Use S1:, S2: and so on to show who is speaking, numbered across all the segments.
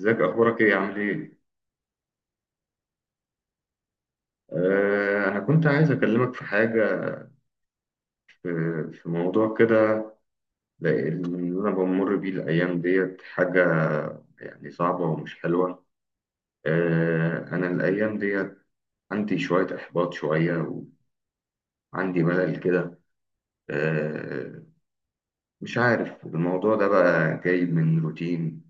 S1: ازيك؟ اخبارك ايه؟ عامل ايه؟ آه، انا كنت عايز اكلمك في حاجه، في, في موضوع كده. اللي انا بمر بيه الايام ديت حاجه يعني صعبه ومش حلوه. آه، انا الايام ديت عندي شويه احباط، شويه، وعندي ملل كده. آه. مش عارف الموضوع ده بقى جاي من روتين،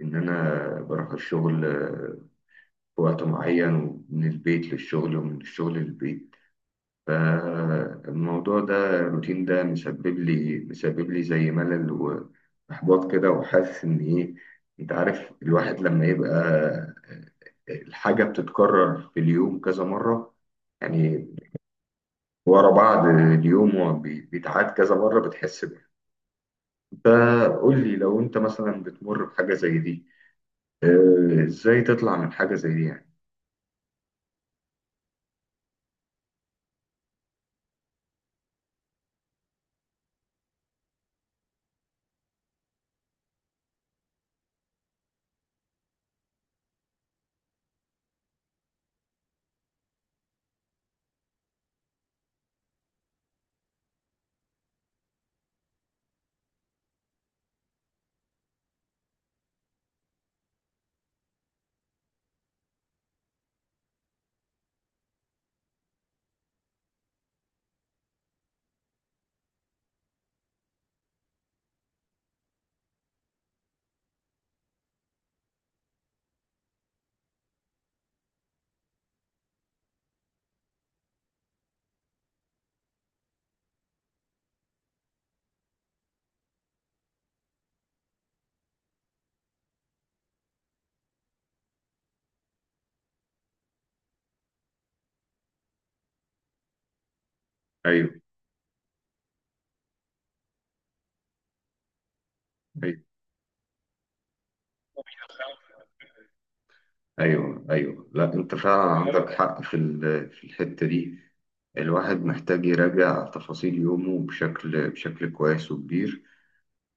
S1: ان انا بروح الشغل في وقت معين، ومن البيت للشغل ومن الشغل للبيت. فالموضوع ده، الروتين ده مسبب لي زي ملل وإحباط كده، وحاسس إن إيه، أنت عارف، الواحد لما يبقى الحاجة بتتكرر في اليوم كذا مرة، يعني ورا بعض، اليوم هو بيتعاد كذا مرة بتحس بيه. فقول لي، لو أنت مثلا بتمر بحاجة زي دي، آه، إزاي تطلع من حاجة زي دي يعني؟ أيوه، ايوه، ايوه، لا انت فعلا عندك، فاهم؟ حق في الحته دي. الواحد محتاج يراجع تفاصيل يومه بشكل كويس وكبير،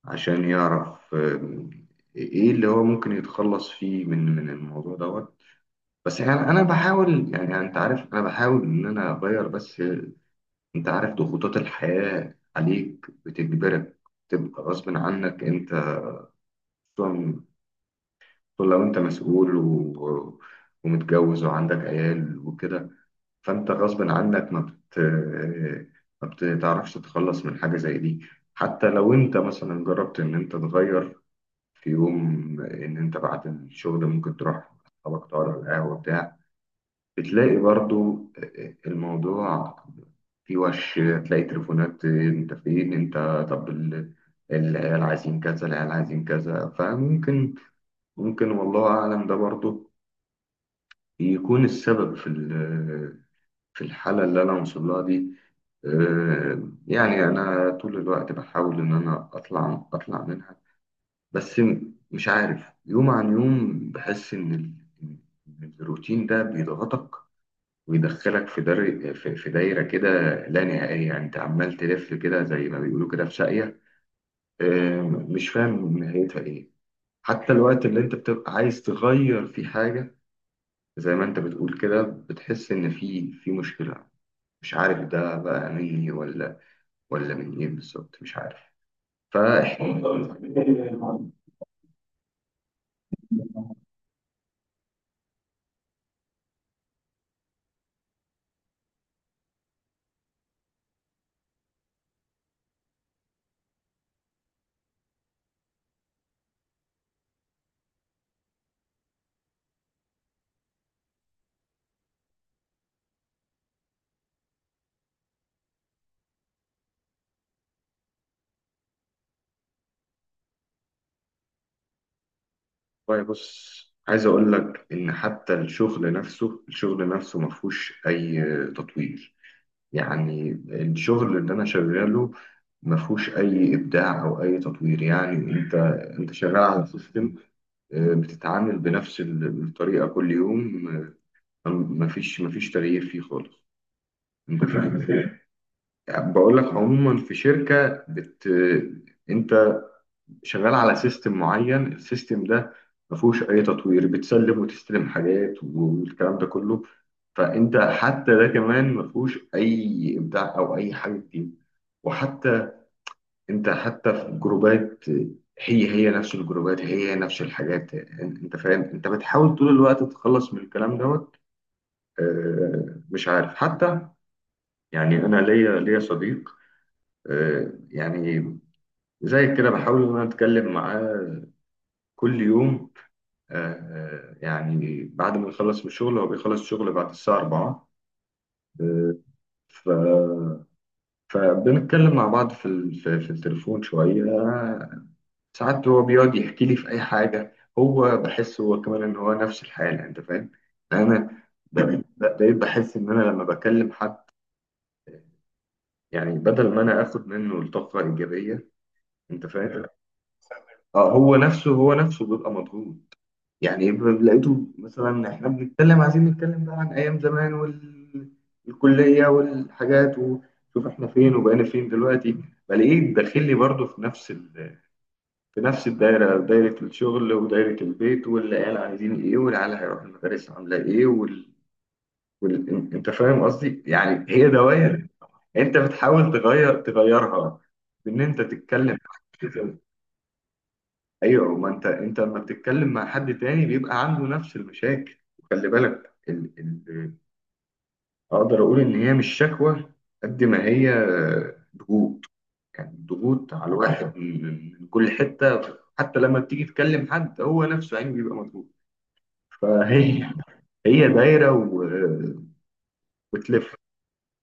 S1: عشان يعرف ايه اللي هو ممكن يتخلص فيه من الموضوع دوت. بس يعني انا بحاول، يعني انت عارف انا بحاول ان انا اغير، بس انت عارف ضغوطات الحياة عليك بتجبرك تبقى غصب عنك، انت خصوصاً لو انت مسؤول ومتجوز وعندك عيال وكده، فانت غصب عنك ما بتعرفش تتخلص من حاجة زي دي. حتى لو انت مثلا جربت ان انت تغير في يوم، ان انت بعد الشغل ممكن تروح مع اصحابك، تقعد على القهوة بتاع، بتلاقي برضو الموضوع، في وش تلاقي تليفونات، انت فين، انت، طب العيال عايزين كذا، العيال عايزين كذا، فممكن والله اعلم ده برضو يكون السبب في الحالة اللي أنا واصل لها دي. يعني أنا طول الوقت بحاول إن أنا أطلع منها، بس مش عارف، يوم عن يوم بحس إن إن الروتين ده بيضغطك ويدخلك في دار في في دايرة كده لا نهائية. يعني أنت عمال تلف كده، زي ما بيقولوا كده في ساقية، آه، مش فاهم نهايتها إيه. حتى الوقت اللي أنت بتبقى عايز تغير فيه حاجة، زي ما أنت بتقول كده، بتحس إن في مشكلة. مش عارف ده بقى مني ولا من ايه بالظبط، مش عارف. فاحنا، والله بص، عايز اقول لك ان حتى الشغل نفسه ما فيهوش اي تطوير. يعني الشغل اللي انا شغاله ما فيهوش اي ابداع او اي تطوير، يعني انت شغال على سيستم، بتتعامل بنفس الطريقه كل يوم. ما فيش تغيير فيه خالص، انت فاهم؟ يعني بقول لك عموما في شركه، انت شغال على سيستم معين، السيستم ده ما فيهوش اي تطوير، بتسلم وتستلم حاجات والكلام ده كله. فانت حتى ده كمان ما فيهوش اي ابداع او اي حاجه جديده. وحتى انت حتى في جروبات، هي هي نفس الجروبات، هي هي نفس الحاجات، انت فاهم؟ انت بتحاول طول الوقت تتخلص من الكلام دوت. مش عارف حتى، يعني انا ليا صديق، يعني زي كده بحاول ان انا اتكلم معاه كل يوم. يعني بعد ما يخلص من الشغل، هو بيخلص شغل بعد الساعة 4. آه، ف فبنتكلم مع بعض في ال- في في التليفون شوية ساعات. هو بيقعد يحكي لي في أي حاجة، هو بحس هو كمان إن هو نفس الحالة. أنت فاهم؟ يعني أنا بقيت بحس إن أنا لما بكلم حد، يعني بدل ما أنا آخد منه الطاقة الإيجابية، أنت فاهم؟ آه، هو نفسه بيبقى مضغوط. يعني لقيته مثلا، احنا بنتكلم، عايزين نتكلم بقى عن ايام زمان والكليه والحاجات، وشوف احنا فين وبقينا فين دلوقتي. بلاقيه داخل لي برضه في نفس في نفس الدايره، دايره الشغل، ودايره البيت، والعيال عايزين ايه، والعيال هيروحوا المدارس عامله ايه، وال... انت فاهم قصدي؟ يعني هي دوائر. انت بتحاول تغيرها، بان انت تتكلم. ايوه، ما انت لما بتتكلم مع حد تاني بيبقى عنده نفس المشاكل. وخلي بالك اقدر اقول ان هي مش شكوى، قد ما هي ضغوط. يعني ضغوط على الواحد من كل حته. حتى لما بتيجي تكلم حد، هو نفسه يعني بيبقى مضغوط. فهي دايره وتلف.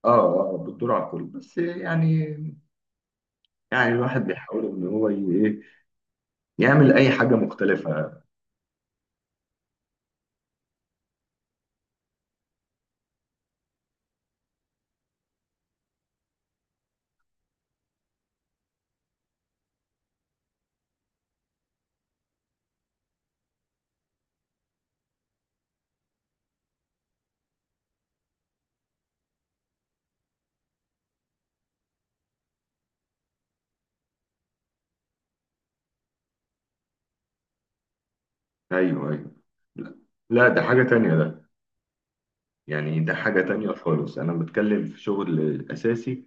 S1: اه، اه، بتدور على الكل، بس يعني، يعني الواحد بيحاول ان هو ايه، يعمل اي حاجه مختلفه. ايوه، ايوه. لا، لا، ده حاجه تانيه ده. يعني ده حاجة تانية خالص، أنا بتكلم في شغل أساسي.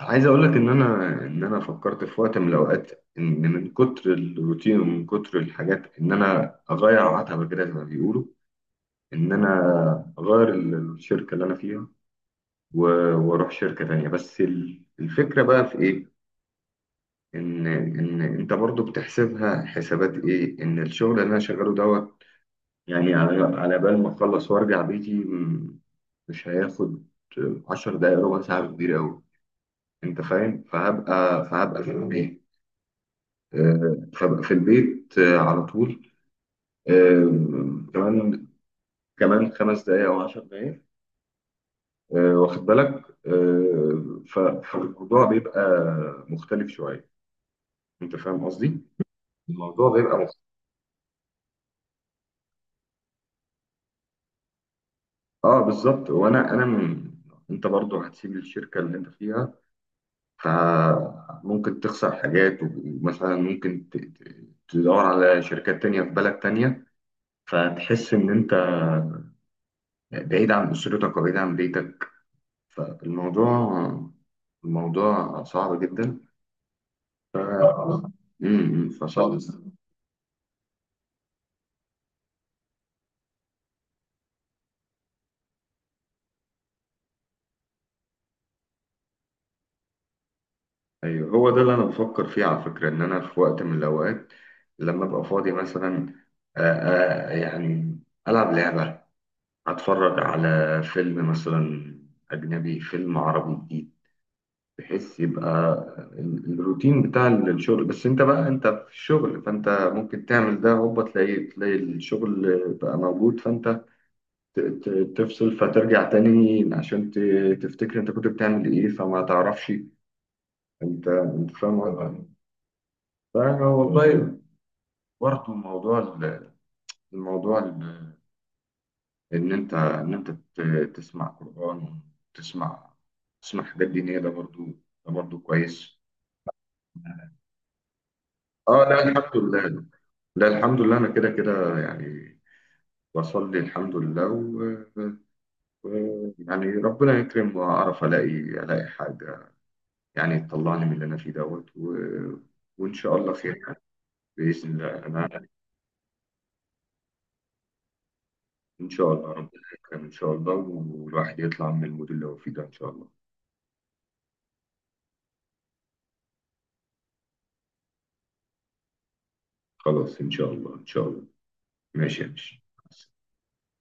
S1: عايز أقول لك إن أنا، إن أنا فكرت في وقت من الأوقات، إن من كتر الروتين ومن كتر الحاجات، إن أنا أغير عتبة كده زي ما بيقولوا، إن أنا أغير الشركة اللي أنا فيها، وأروح شركة تانية، بس الفكرة بقى في إيه؟ إن أنت برضو بتحسبها حسابات، إيه؟ إن الشغل اللي أنا شغاله دوت، يعني على بال ما اخلص وارجع بيتي، مش هياخد 10 دقايق، ربع ساعة كتير قوي، انت فاهم؟ فهبقى في البيت، فهبقى في البيت على طول، آه، كمان كمان 5 دقايق او 10 دقايق، واخد بالك، فالموضوع بيبقى مختلف شوية، انت فاهم قصدي؟ الموضوع بيبقى مختلف. اه، بالظبط، وانا انت برضو هتسيب الشركة اللي انت فيها، فممكن تخسر حاجات، ومثلا ممكن تدور على شركات تانية في بلد تانية، فتحس إن أنت بعيد عن أسرتك وبعيد عن بيتك. فالموضوع الموضوع صعب جدا. ف... فصعب. أيوه، هو ده اللي أنا بفكر فيه على فكرة. إن أنا في وقت من الأوقات، لما أبقى فاضي مثلا، يعني ألعب لعبة، أتفرج على فيلم مثلا أجنبي، فيلم عربي جديد، بحيث يبقى الروتين بتاع الشغل. بس انت بقى، انت في الشغل، فانت ممكن تعمل ده، هوبا تلاقي الشغل بقى موجود، فانت ت- ت- تفصل، فترجع تاني عشان تفتكر انت كنت بتعمل ايه، فما تعرفش. انت فاهم قصدي؟ فوالله، برضه موضوع الموضوع ان انت تسمع قرآن. تسمع تسمع حاجات دينية، ده برضه كويس. اه، لا، الحمد لله. لا، الحمد لله، انا كده كده يعني بصلي الحمد لله، و... يعني ربنا يكرم، واعرف الاقي، حاجه يعني تطلعني من اللي انا فيه دوت، وان شاء الله خير يعني. باذن الله انا، ان شاء الله ربنا يكرم، ان شاء الله، والواحد يطلع من المود اللي هو فيه ده، ان شاء الله. خلاص، ان شاء الله ان شاء الله. ماشي يا باشا.